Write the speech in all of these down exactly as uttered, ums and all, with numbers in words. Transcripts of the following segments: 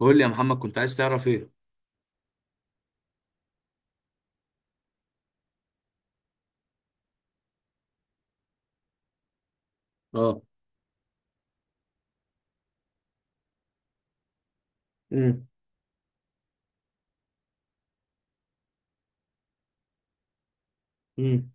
قول لي يا محمد، كنت عايز تعرف ايه؟ اه. امم. امم.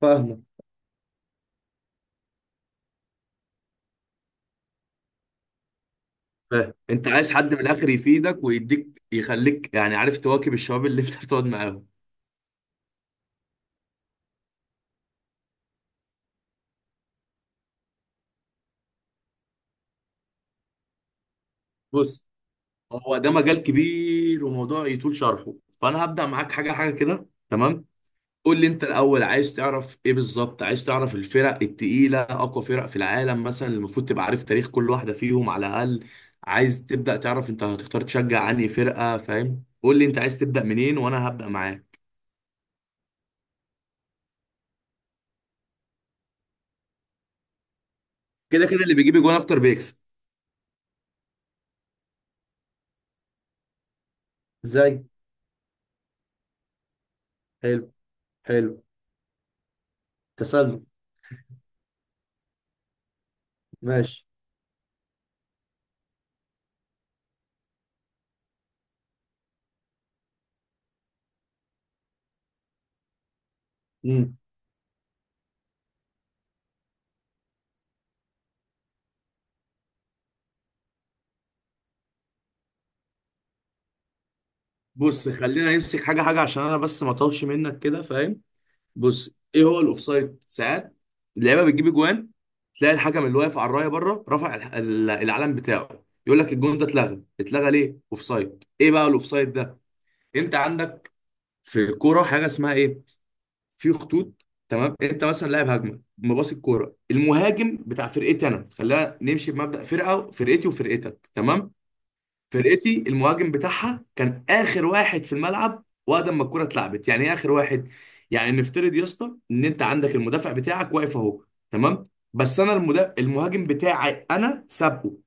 فاهمه. فاهم انت عايز حد من الاخر يفيدك ويديك يخليك يعني عارف تواكب الشباب اللي انت بتقعد معاهم. بص، هو ده مجال كبير وموضوع يطول شرحه، فانا هبدأ معاك حاجة حاجة كده، تمام؟ قول لي انت الاول عايز تعرف ايه بالظبط. عايز تعرف الفرق التقيلة، اقوى فرق في العالم مثلا؟ المفروض تبقى عارف تاريخ كل واحدة فيهم على الاقل. عايز تبدأ تعرف انت هتختار تشجع عني فرقة؟ فاهم؟ قول لي انت عايز تبدأ منين وانا هبدأ معاك. كده كده اللي بيجيب جون اكتر بيكسب. ازاي؟ حلو. حلو. تسلل. ماشي. امم. بص، خلينا نمسك حاجه حاجه عشان انا بس ما اطولش منك كده، فاهم؟ بص، ايه هو الاوفسايد؟ ساعات اللعيبه بتجيب جوان، تلاقي الحكم اللي واقف على الرايه بره رفع الح- ال- العلم بتاعه، يقول لك الجون ده اتلغى. اتلغى ليه؟ اوفسايد. ايه بقى الاوفسايد ده؟ انت عندك في الكوره حاجه اسمها ايه؟ في خطوط. تمام؟ انت مثلا لاعب هجمه، مباصي الكوره المهاجم بتاع فرقتي انا. خلينا نمشي بمبدا فرقه، فرقتي وفرقتك. تمام؟ فرقتي المهاجم بتاعها كان اخر واحد في الملعب وقت ما الكوره اتلعبت. يعني ايه اخر واحد؟ يعني نفترض يا اسطى ان انت عندك المدافع بتاعك واقف اهو، تمام؟ بس انا المدا... المهاجم بتاعي انا سابقه.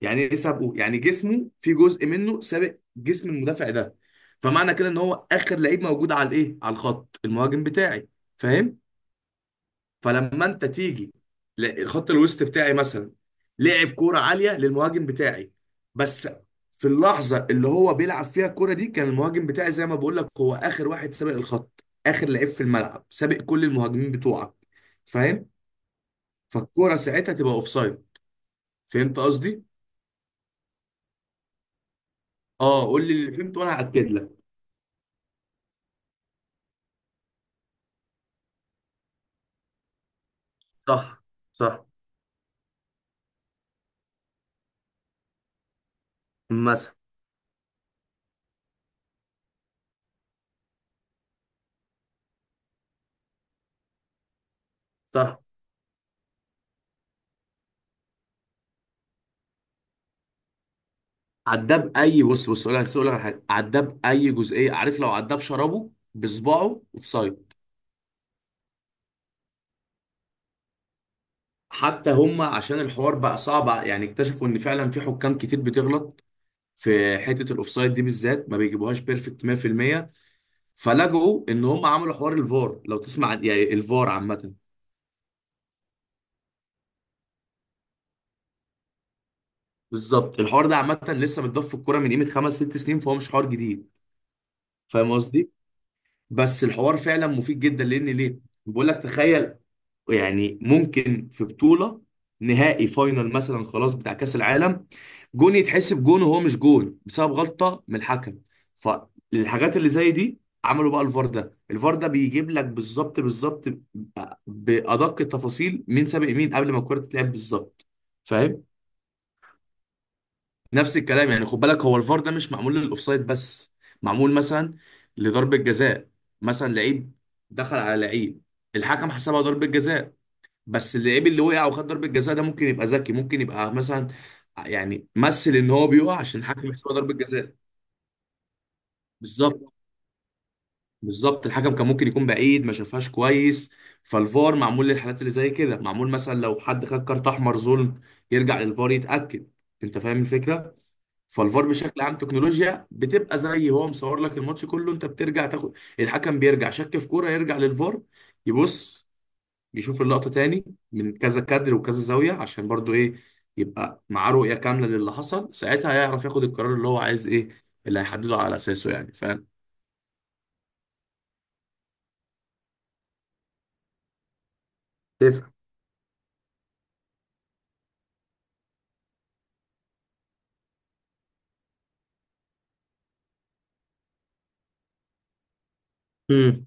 يعني ايه سابقه؟ يعني جسمه في جزء منه سابق جسم المدافع ده. فمعنى كده ان هو اخر لعيب موجود على الايه، على الخط، المهاجم بتاعي. فاهم؟ فلما انت تيجي ل- الخط الوسط بتاعي مثلا، لعب كوره عاليه للمهاجم بتاعي، بس في اللحظه اللي هو بيلعب فيها الكوره دي كان المهاجم بتاعي زي ما بقول لك هو اخر واحد، سابق الخط، اخر لعيب في الملعب، سابق كل المهاجمين بتوعك. فاهم؟ فالكوره ساعتها تبقى اوفسايد. فهمت قصدي؟ اه قول لي اللي فهمته وانا هاكد لك. صح. صح. مثلا. صح. عداب اي؟ بص، بص، اقول لك، أقول لك على حاجه. عداب اي جزئيه، عارف؟ لو عداب شربه بصباعه اوفسايد. حتى هم عشان الحوار بقى صعب يعني، اكتشفوا ان فعلا في حكام كتير بتغلط في حته الاوفسايد دي بالذات، ما بيجيبوهاش بيرفكت مية في المية، فلجؤوا ان هم عملوا حوار الفار. لو تسمع عن- يعني الفار عامه. بالظبط، الحوار ده عامه لسه متضاف في الكوره من قيمه خمس ست سنين، فهو مش حوار جديد. فاهم قصدي؟ بس الحوار فعلا مفيد جدا، لان ليه؟ بقول لك تخيل يعني، ممكن في بطولة، نهائي فاينل مثلا خلاص بتاع كأس العالم، جون يتحسب جون وهو مش جون بسبب غلطة من الحكم. فالحاجات اللي زي دي عملوا بقى الفار ده. الفار ده بيجيب لك بالظبط بالظبط، بأدق التفاصيل، مين سابق مين قبل ما الكرة تتلعب بالظبط. فاهم؟ نفس الكلام يعني، خد بالك، هو الفار ده مش معمول للأوفسايد بس، معمول مثلا لضربة جزاء. مثلا لعيب دخل على لعيب، الحكم حسبها ضربة جزاء، بس اللعيب اللي وقع وخد ضربة جزاء ده ممكن يبقى ذكي، ممكن يبقى مثلا يعني مثل ان هو بيقع عشان الحكم يحسبها ضربة جزاء. بالظبط. بالظبط، الحكم كان ممكن يكون بعيد ما شافهاش كويس. فالفار معمول للحالات اللي زي كده، معمول مثلا لو حد خد كارت احمر ظلم يرجع للفار يتأكد. انت فاهم الفكرة؟ فالفار بشكل عام تكنولوجيا بتبقى زي هو مصور لك الماتش كله، انت بترجع تاخد، الحكم بيرجع شك في كورة يرجع للفار، يبص، بيشوف اللقطة تاني من كذا كادر وكذا زاوية، عشان برضو ايه؟ يبقى معاه رؤية كاملة للي حصل ساعتها، هيعرف ياخد القرار اللي هو عايز ايه اللي هيحدده على اساسه يعني. فاهم؟ تسعة. امم.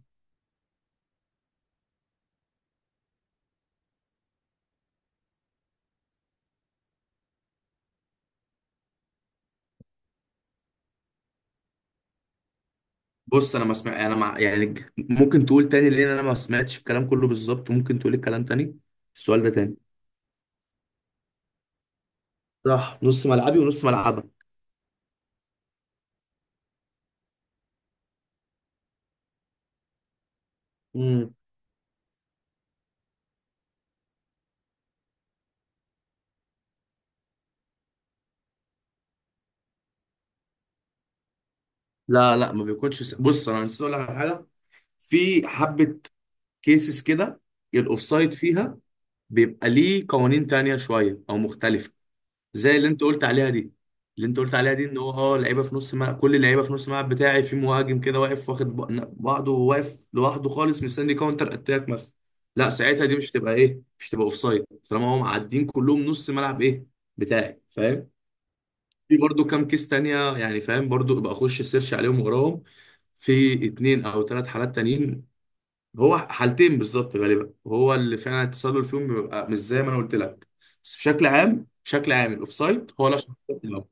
بص، انا ما سمع انا مع يعني ج- ممكن تقول تاني لان انا ما سمعتش الكلام كله بالظبط. ممكن تقول الكلام تاني. السؤال ده تاني. صح، نص ملعبي ونص ملعبك. امم. لا لا ما بيكونش س... بص، انا نسيت اقول لك على حاجه. في حبه كيسز كده الاوفسايد فيها بيبقى ليه قوانين تانية شويه او مختلفه، زي اللي انت قلت عليها دي. اللي انت قلت عليها دي ان هو اه لعيبه في نص ملعب، كل اللعيبه في نص الملعب بتاعي، في مهاجم كده واقف واخد ب- بعضه واقف لوحده خالص مستني كاونتر اتاك مثلا. لا، ساعتها دي مش تبقى ايه، مش تبقى اوف سايد طالما هم معديين كلهم نص ملعب ايه بتاعي. فاهم؟ في برضو كام كيس تانية يعني، فاهم؟ برضو ابقى اخش سيرش عليهم وراهم. في اتنين او ثلاث حالات تانيين، هو حالتين بالظبط غالبا، وهو اللي فعلا التسلل فيهم بيبقى مش زي ما انا قلت لك. بس بشكل عام، بشكل عام الاوفسايد هو لا شرط له في اللعبة.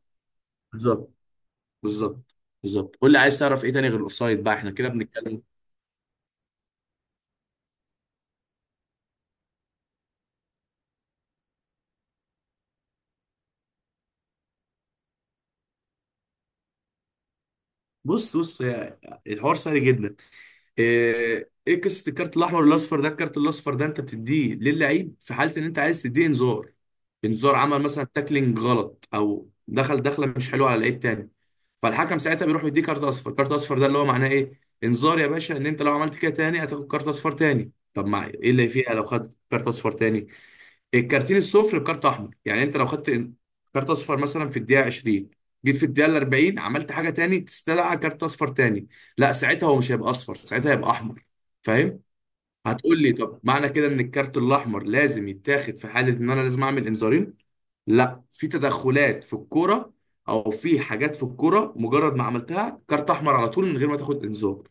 بالظبط. بالظبط. بالظبط، قول لي عايز تعرف ايه تاني غير الاوفسايد بقى، احنا كده بنتكلم. بص بص يا- الحوار سهل جدا. ايه إيه قصه الكارت الاحمر والاصفر ده؟ الكارت الاصفر ده انت بتديه للعيب في حاله ان انت عايز تديه انذار. انذار، عمل مثلا تاكلينج غلط او دخل دخله مش حلوه على لعيب تاني، فالحكم ساعتها بيروح يديه كارت اصفر. كارت اصفر ده اللي هو معناه ايه؟ انذار يا باشا ان انت لو عملت كده تاني هتاخد كارت اصفر تاني. طب ما ايه اللي فيها لو خدت كارت اصفر تاني؟ الكارتين الصفر بكارت احمر. يعني انت لو خدت كارت اصفر مثلا في الدقيقه عشرين، جيت في الدقيقه اربعين عملت حاجه تاني تستدعى كارت اصفر تاني، لا ساعتها هو مش هيبقى اصفر، ساعتها هيبقى احمر. فاهم؟ هتقول لي طب معنى كده ان الكارت الاحمر لازم يتاخد في حاله ان انا لازم اعمل انذارين؟ لا، في تدخلات في الكوره او في حاجات في الكوره مجرد ما عملتها كارت احمر على طول من غير ما تاخد انذار.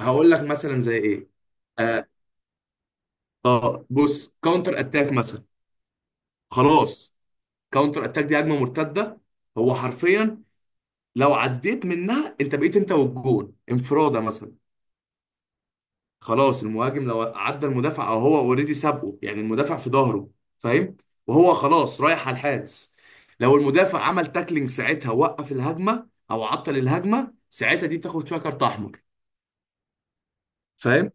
هقول لك مثلا زي ايه. اه. آه، بص، كاونتر اتاك مثلا. خلاص، كاونتر اتاك دي هجمه مرتده، هو حرفيا لو عديت منها انت بقيت انت والجون انفراده مثلا. خلاص، المهاجم لو عدى المدافع او هو اوريدي سابقه يعني المدافع في ظهره، فاهم؟ وهو خلاص رايح على الحارس، لو المدافع عمل تاكلينج ساعتها وقف الهجمه او عطل الهجمه، ساعتها دي بتاخد فيها كارت احمر. فاهم؟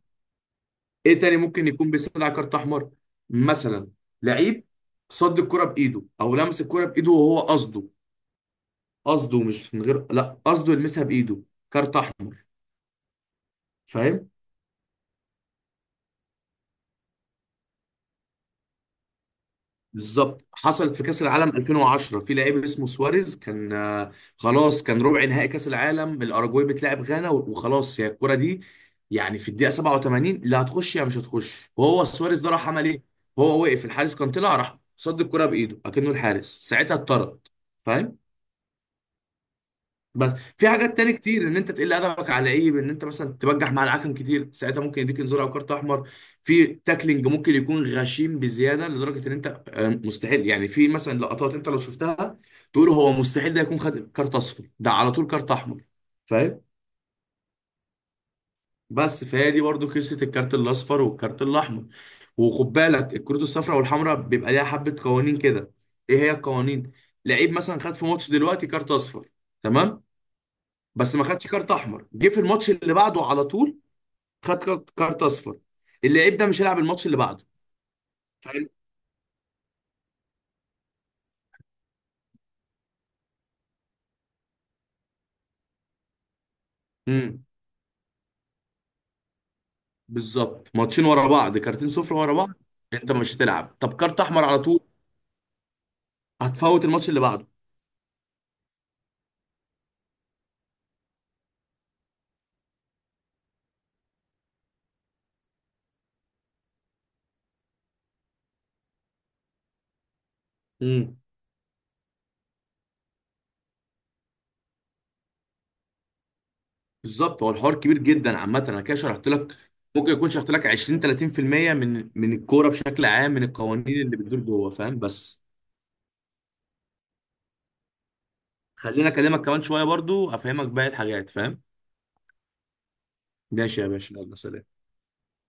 ايه تاني ممكن يكون بيستدعي كارت احمر؟ مثلا لعيب صد الكرة بايده او لمس الكرة بايده وهو قصده. قصده، مش من غير، لا قصده يلمسها بايده، كارت احمر. فاهم؟ بالظبط، حصلت في كاس العالم الفين وعشرة، في لعيب اسمه سواريز كان آه، خلاص كان ربع نهائي كاس العالم، الاراجواي بتلعب غانا، و- وخلاص هي الكره دي يعني في الدقيقه سبعة وتمانين، لا هتخش يا مش هتخش، وهو سواريز ده راح عمل ايه؟ هو وقف الحارس، كان طلع راح صد الكره بايده اكنه الحارس، ساعتها اتطرد. فاهم؟ بس في حاجات تاني كتير، ان انت تقل ادبك على لعيب، ان انت مثلا تبجح مع الحكم كتير ساعتها ممكن يديك انذار او كارت احمر. في تاكلينج ممكن يكون غشيم بزياده لدرجه ان انت آه، مستحيل يعني، في مثلا لقطات انت لو شفتها تقول هو مستحيل ده يكون خد كارت اصفر ده، على طول كارت احمر. فاهم؟ بس فهي دي برضو قصه الكارت الاصفر والكارت الاحمر. وخد بالك الكروت الصفراء والحمراء بيبقى ليها حبه قوانين كده. ايه هي القوانين؟ لعيب مثلا خد في ماتش دلوقتي كارت اصفر، تمام؟ بس ما خدش كارت احمر، جه في الماتش اللي بعده على طول خد كارت، كارت اصفر، اللعيب ده مش هيلعب الماتش اللي بعده. فاهم؟ امم. بالظبط، ماتشين ورا بعض كارتين صفر ورا بعض، انت مش هتلعب. طب كارت احمر على طول هتفوت الماتش اللي بعده. امم. بالظبط. هو الحوار كبير جدا عامه، انا كده شرحت لك ممكن يكون شرحت لك عشرين تلاتين في المية من من الكوره بشكل عام، من القوانين اللي بتدور جوه. فاهم؟ بس خلينا اكلمك كمان شويه برضو افهمك باقي الحاجات، فاهم؟ ماشي يا باشا، يلا سلام.